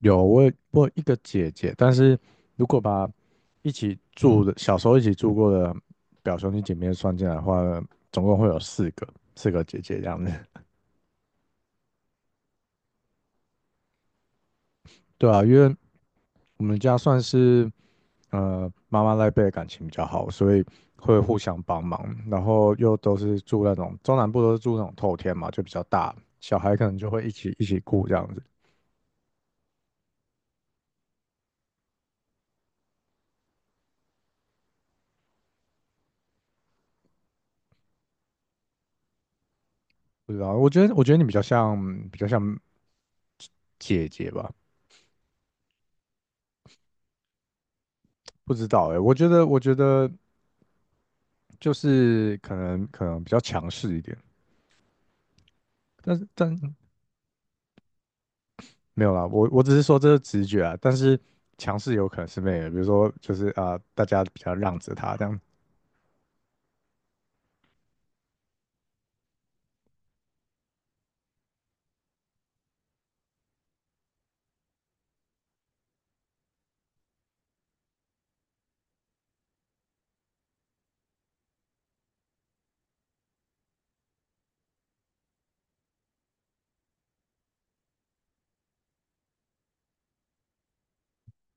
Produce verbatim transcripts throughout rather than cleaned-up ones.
有，我有我有一个姐姐，但是如果把一起住的小时候一起住过的表兄弟姐妹算进来的话，总共会有四个，四个姐姐这样子。对啊，因为我们家算是呃妈妈那一辈的感情比较好，所以会互相帮忙，然后又都是住那种中南部都是住那种透天嘛，就比较大，小孩可能就会一起一起顾这样子。不知道，我觉得我觉得你比较像比较像姐姐吧。不知道哎、我觉得，我觉得就是可能可能比较强势一点，但是但没有啦，我我只是说这是直觉啊，但是强势有可能是妹的，比如说就是啊、大家比较让着他这样。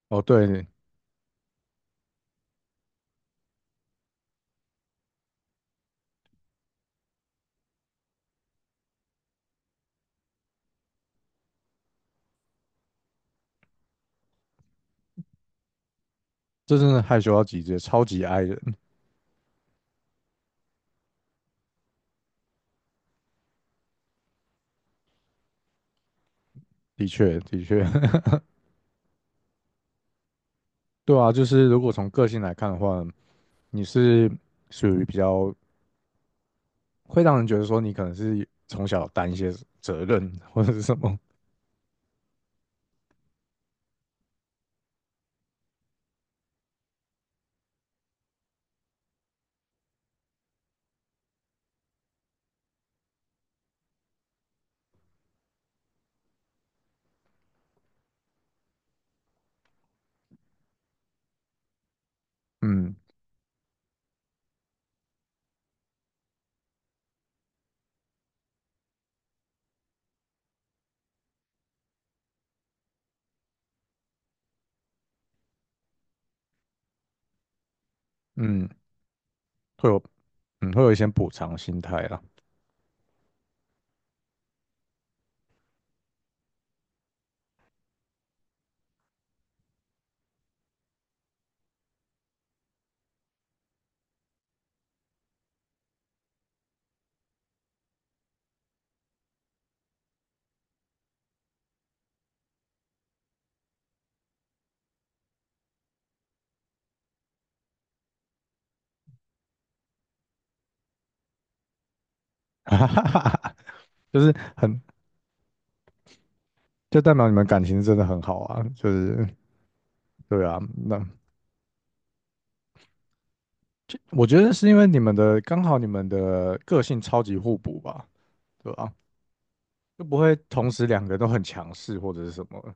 哦，对，这真的害羞到极致，超级 i 人，的确的确。对啊，就是如果从个性来看的话，你是属于比较会让人觉得说你可能是从小担一些责任或者是什么，嗯嗯，会有嗯会有一些补偿心态啦。哈哈哈哈，就是很，就代表你们感情真的很好啊，就是对啊，那我觉得是因为你们的刚好你们的个性超级互补吧，对吧、就不会同时两个都很强势或者是什么。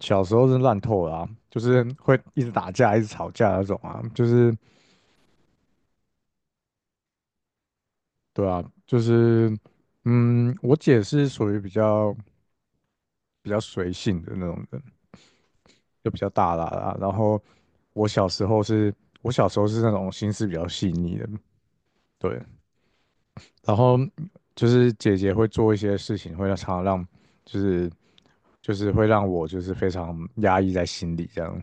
小时候是烂透了啊，就是会一直打架、一直吵架那种啊，就是对啊，就是嗯，我姐是属于比较比较随性的那种人，就比较大啦啦。然后我小时候是，我小时候是那种心思比较细腻的，对。然后就是姐姐会做一些事情，会让常常让就是就是会让我就是非常压抑在心里这样。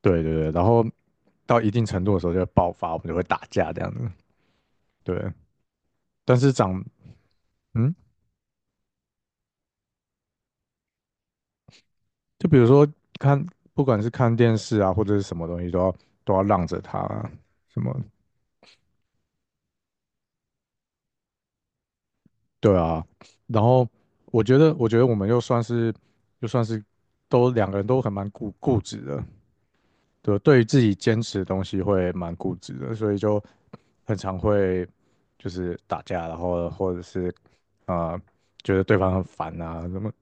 对对对，然后到一定程度的时候就会爆发，我们就会打架这样子。对，但是长嗯，就比如说看，不管是看电视啊，或者是什么东西，都要都要让着他啊，什么对啊，然后我觉得，我觉得我们又算是，又算是都两个人都很蛮固固执的，对，对于自己坚持的东西会蛮固执的，所以就很常会就是打架，然后或者是啊觉得对方很烦啊，什么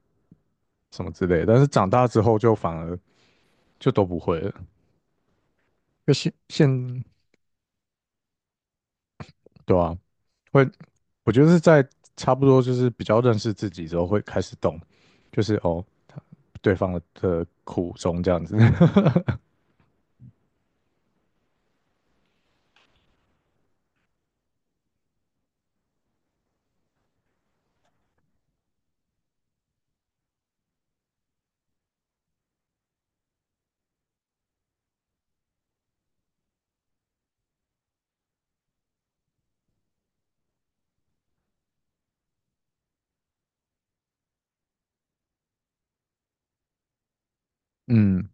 什么之类的。但是长大之后就反而就都不会了，就现现对啊，会，我觉得是在差不多就是比较认识自己之后会开始懂，就是哦，他对方的的苦衷这样子。嗯，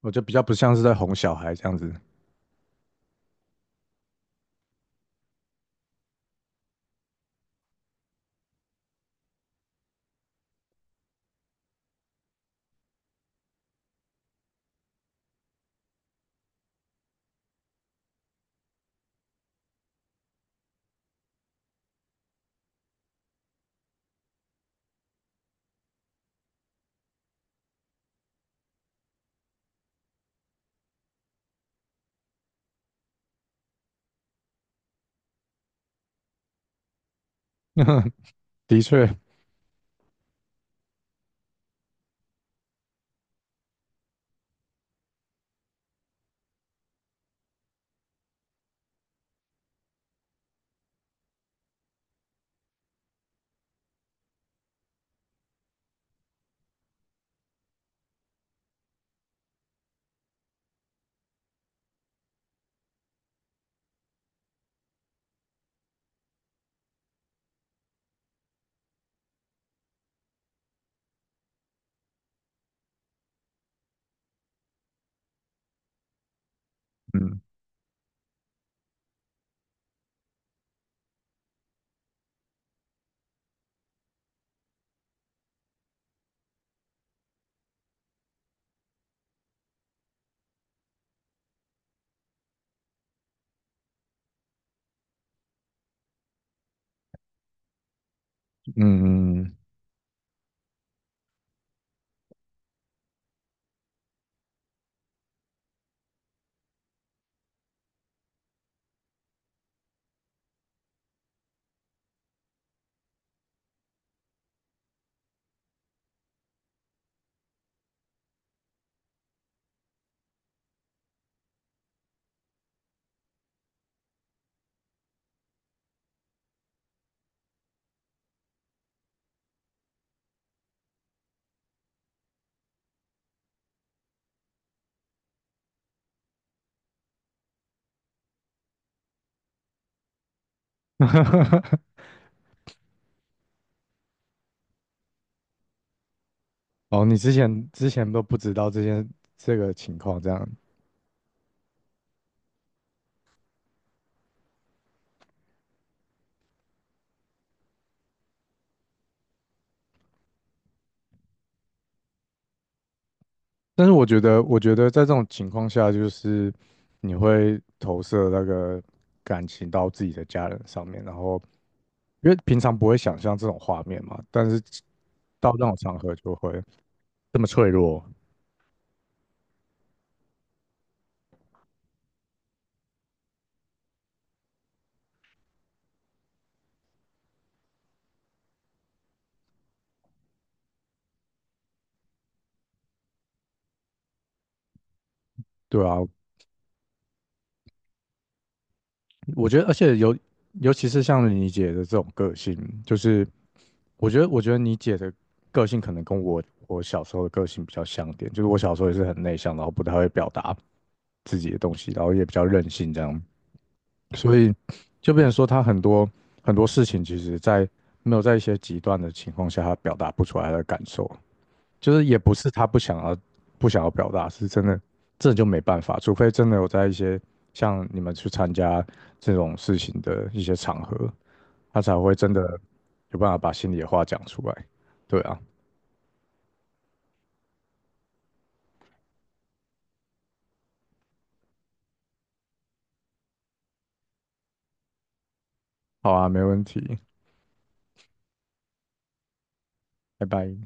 我觉得比较不像是在哄小孩这样子。的确，嗯嗯嗯。哦，你之前之前都不知道这件这个情况这样。但是我觉得，我觉得在这种情况下，就是你会投射那个感情到自己的家人上面，然后因为平常不会想象这种画面嘛，但是到那种场合就会这么脆弱，对啊，我觉得，而且尤尤其是像你姐的这种个性，就是我觉得，我觉得你姐的个性可能跟我我小时候的个性比较像点，就是我小时候也是很内向，然后不太会表达自己的东西，然后也比较任性这样。所以就变成说，他很多很多事情，其实在没有在一些极端的情况下，他表达不出来的感受，就是也不是他不想要不想要表达，是真的这就没办法，除非真的有在一些像你们去参加这种事情的一些场合，他才会真的有办法把心里的话讲出来。对啊，好啊，没问题，拜拜。